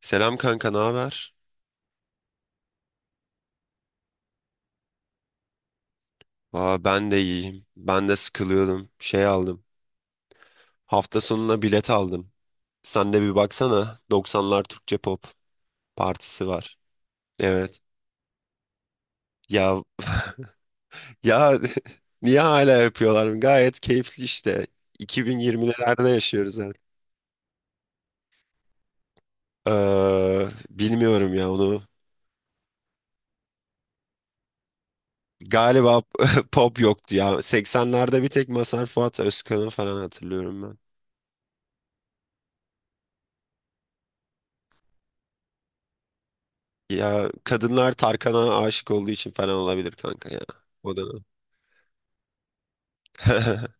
Selam kanka, ne haber? Aa, ben de iyiyim. Ben de sıkılıyordum. Şey aldım. Hafta sonuna bilet aldım. Sen de bir baksana. 90'lar Türkçe pop partisi var. Evet. Ya ya niye hala yapıyorlar? Gayet keyifli işte. 2020'lerde yaşıyoruz artık. Bilmiyorum ya onu. Galiba pop yoktu ya. 80'lerde bir tek Mazhar Fuat Özkan'ı falan hatırlıyorum. Ya kadınlar Tarkan'a aşık olduğu için falan olabilir kanka ya. O dönem.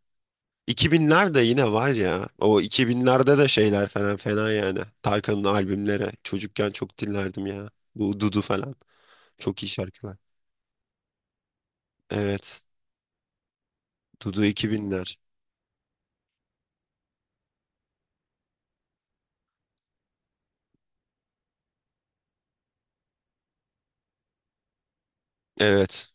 2000'ler de yine var ya. O 2000'lerde de şeyler falan fena yani. Tarkan'ın albümleri. Çocukken çok dinlerdim ya. Bu Dudu falan. Çok iyi şarkılar. Evet. Dudu 2000'ler. Evet.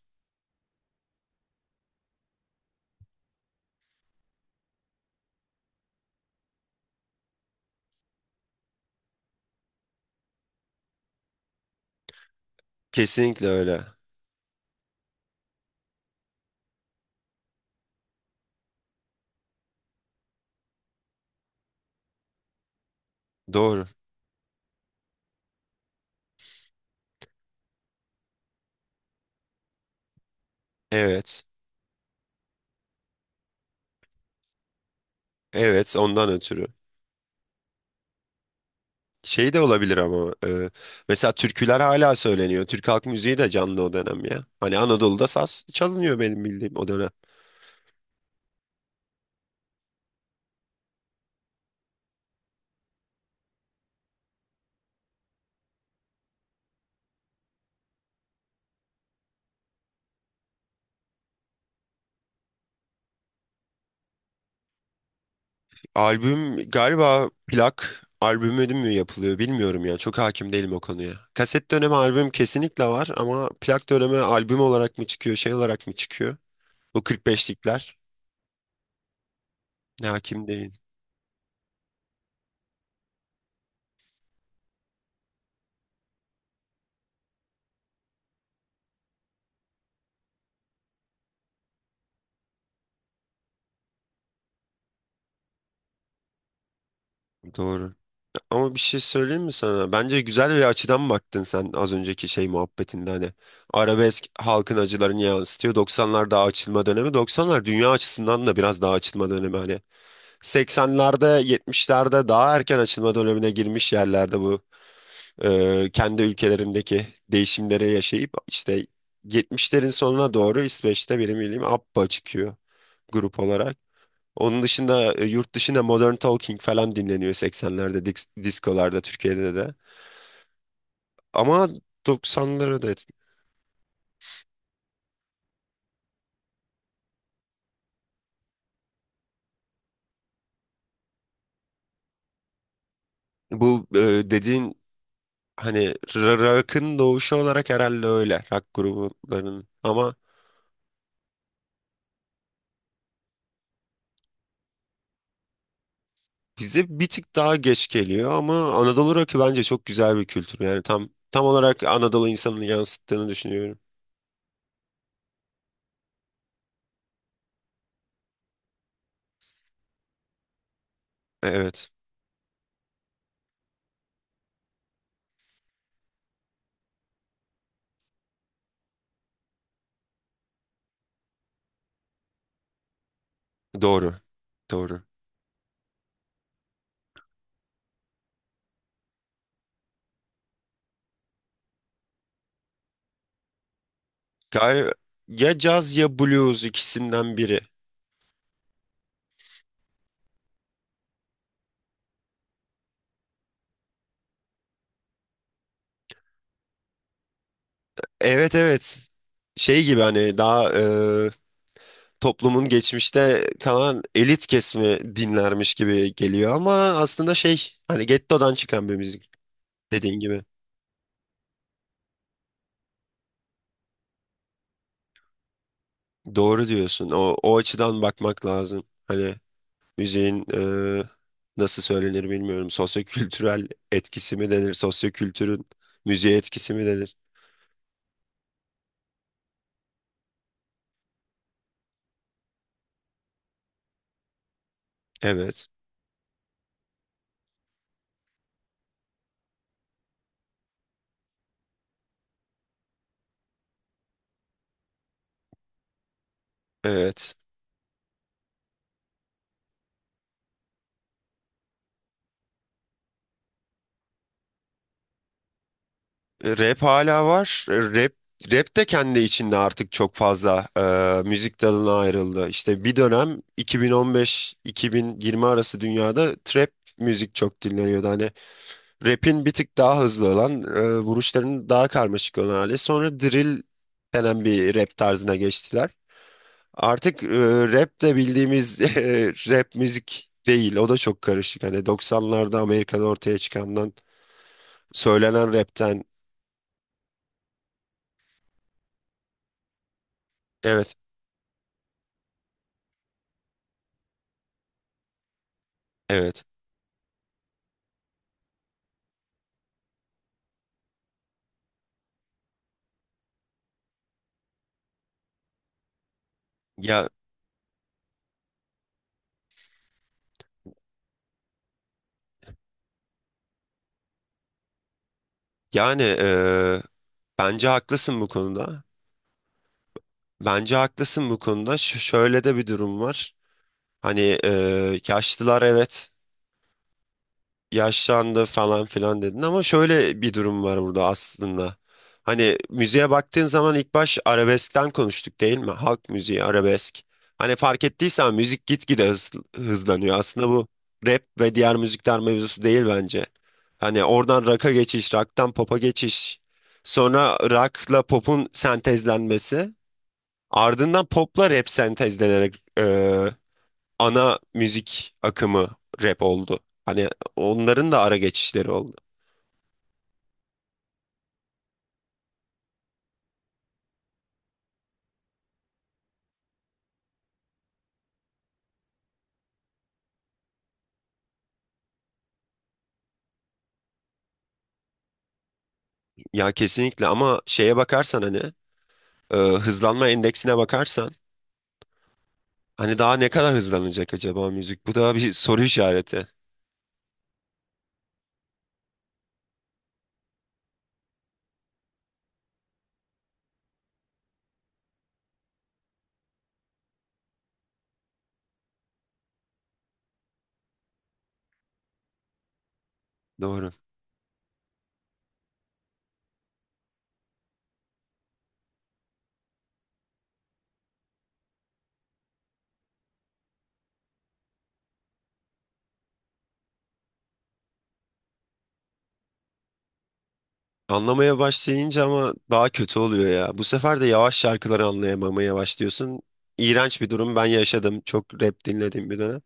Kesinlikle öyle. Doğru. Evet. Evet, ondan ötürü. Şey de olabilir ama mesela türküler hala söyleniyor. Türk halk müziği de canlı o dönem ya. Hani Anadolu'da saz çalınıyor benim bildiğim o dönem. Albüm galiba plak albümü mü yapılıyor bilmiyorum ya. Çok hakim değilim o konuya. Kaset dönemi albüm kesinlikle var ama plak dönemi albüm olarak mı çıkıyor, şey olarak mı çıkıyor? Bu 45'likler ne, hakim değil. Doğru. Ama bir şey söyleyeyim mi sana? Bence güzel bir açıdan baktın sen az önceki şey muhabbetinde hani. Arabesk halkın acılarını yansıtıyor. 90'lar daha açılma dönemi. 90'lar dünya açısından da biraz daha açılma dönemi hani. 80'lerde, 70'lerde daha erken açılma dönemine girmiş yerlerde bu. Kendi ülkelerindeki değişimleri yaşayıp işte 70'lerin sonuna doğru İsveç'te benim bildiğim ABBA çıkıyor grup olarak. Onun dışında yurt dışında Modern Talking falan dinleniyor 80'lerde disk diskolarda Türkiye'de de. Ama 90'lara da bu dediğin hani rock'ın doğuşu olarak herhalde öyle rock gruplarının ama bize bir tık daha geç geliyor ama Anadolu rock'ı bence çok güzel bir kültür. Yani tam olarak Anadolu insanını yansıttığını düşünüyorum. Evet. Doğru. Doğru. Galiba ya caz ya blues ikisinden biri. Evet, evet. Şey gibi hani daha e, toplumun geçmişte kalan elit kesimi dinlermiş gibi geliyor ama aslında şey hani gettodan çıkan bir müzik dediğin gibi. Doğru diyorsun. O açıdan bakmak lazım. Hani müziğin e, nasıl söylenir bilmiyorum. Sosyokültürel etkisi mi denir? Sosyokültürün müziğe etkisi mi denir? Evet. Evet. Rap hala var. Rap de kendi içinde artık çok fazla müzik dalına ayrıldı. İşte bir dönem iki bin on beş bin yirmi arası dünyada trap müzik çok dinleniyordu. Hani rap'in bir tık daha hızlı olan, vuruşlarının daha karmaşık olan hali. Sonra drill denen bir rap tarzına geçtiler. Artık rap de bildiğimiz rap müzik değil. O da çok karışık. Hani 90'larda Amerika'da ortaya çıkandan, söylenen rapten. Evet, evet. Ya yani, bence haklısın bu konuda. Bence haklısın bu konuda. Şöyle de bir durum var. Hani yaşlılar, evet. Yaşlandı falan filan dedin ama şöyle bir durum var burada aslında. Hani müziğe baktığın zaman ilk baş arabeskten konuştuk değil mi? Halk müziği, arabesk. Hani fark ettiysen müzik gitgide hızlanıyor. Aslında bu rap ve diğer müzikler mevzusu değil bence. Hani oradan rock'a geçiş, rock'tan pop'a geçiş. Sonra rock'la pop'un sentezlenmesi. Ardından pop'la rap sentezlenerek ana müzik akımı rap oldu. Hani onların da ara geçişleri oldu. Ya kesinlikle ama şeye bakarsan hani hızlanma endeksine bakarsan hani daha ne kadar hızlanacak acaba müzik? Bu da bir soru işareti. Doğru. Anlamaya başlayınca ama daha kötü oluyor ya. Bu sefer de yavaş şarkıları anlayamamaya başlıyorsun. İğrenç bir durum ben yaşadım. Çok rap dinlediğim bir dönem.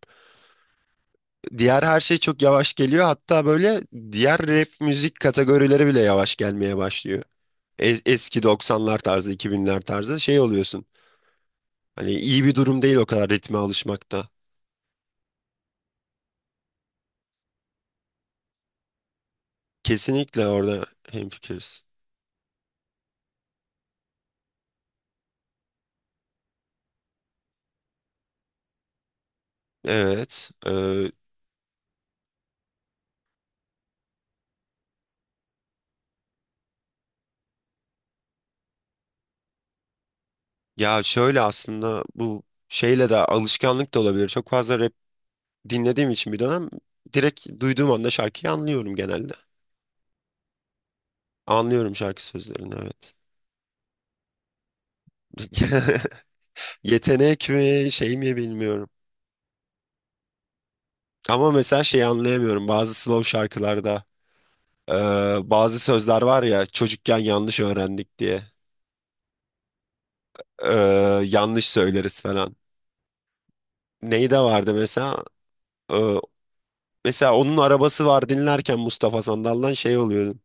Diğer her şey çok yavaş geliyor. Hatta böyle diğer rap müzik kategorileri bile yavaş gelmeye başlıyor. Eski 90'lar tarzı, 2000'ler tarzı şey oluyorsun. Hani iyi bir durum değil o kadar ritme alışmakta. Kesinlikle orada hemfikiriz. Evet. Ya şöyle aslında bu şeyle de alışkanlık da olabilir. Çok fazla dinlediğim için bir dönem direkt duyduğum anda şarkıyı anlıyorum genelde. Anlıyorum şarkı sözlerini, evet. Yetenek mi şey mi bilmiyorum. Ama mesela şeyi anlayamıyorum bazı slow şarkılarda, eee, bazı sözler var ya çocukken yanlış öğrendik diye yanlış söyleriz falan. Neyi de vardı mesela. Eee, Mesela onun arabası var dinlerken Mustafa Sandal'dan şey oluyor.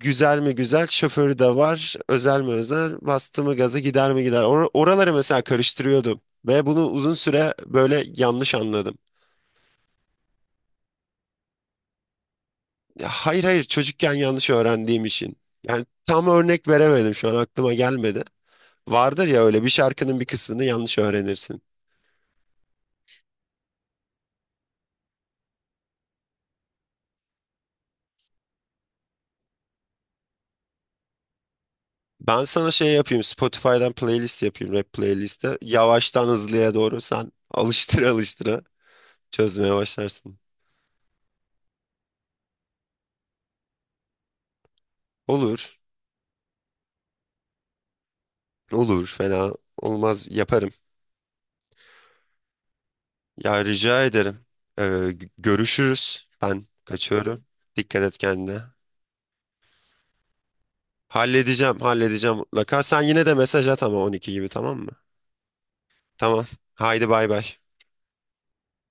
Güzel mi güzel, şoförü de var. Özel mi özel, bastı mı gaza gider mi gider. Oraları mesela karıştırıyordum. Ve bunu uzun süre böyle yanlış anladım. Ya hayır, hayır, çocukken yanlış öğrendiğim için. Yani tam örnek veremedim, şu an aklıma gelmedi. Vardır ya öyle, bir şarkının bir kısmını yanlış öğrenirsin. Ben sana şey yapayım, Spotify'dan playlist yapayım, rap playlisti. Yavaştan hızlıya doğru sen alıştıra alıştıra çözmeye başlarsın. Olur, olur, fena olmaz, yaparım. Ya rica ederim. Görüşürüz. Ben kaçıyorum. Dikkat et kendine. Halledeceğim, halledeceğim mutlaka. Sen yine de mesaj at ama 12 gibi, tamam mı? Tamam. Haydi bay bay.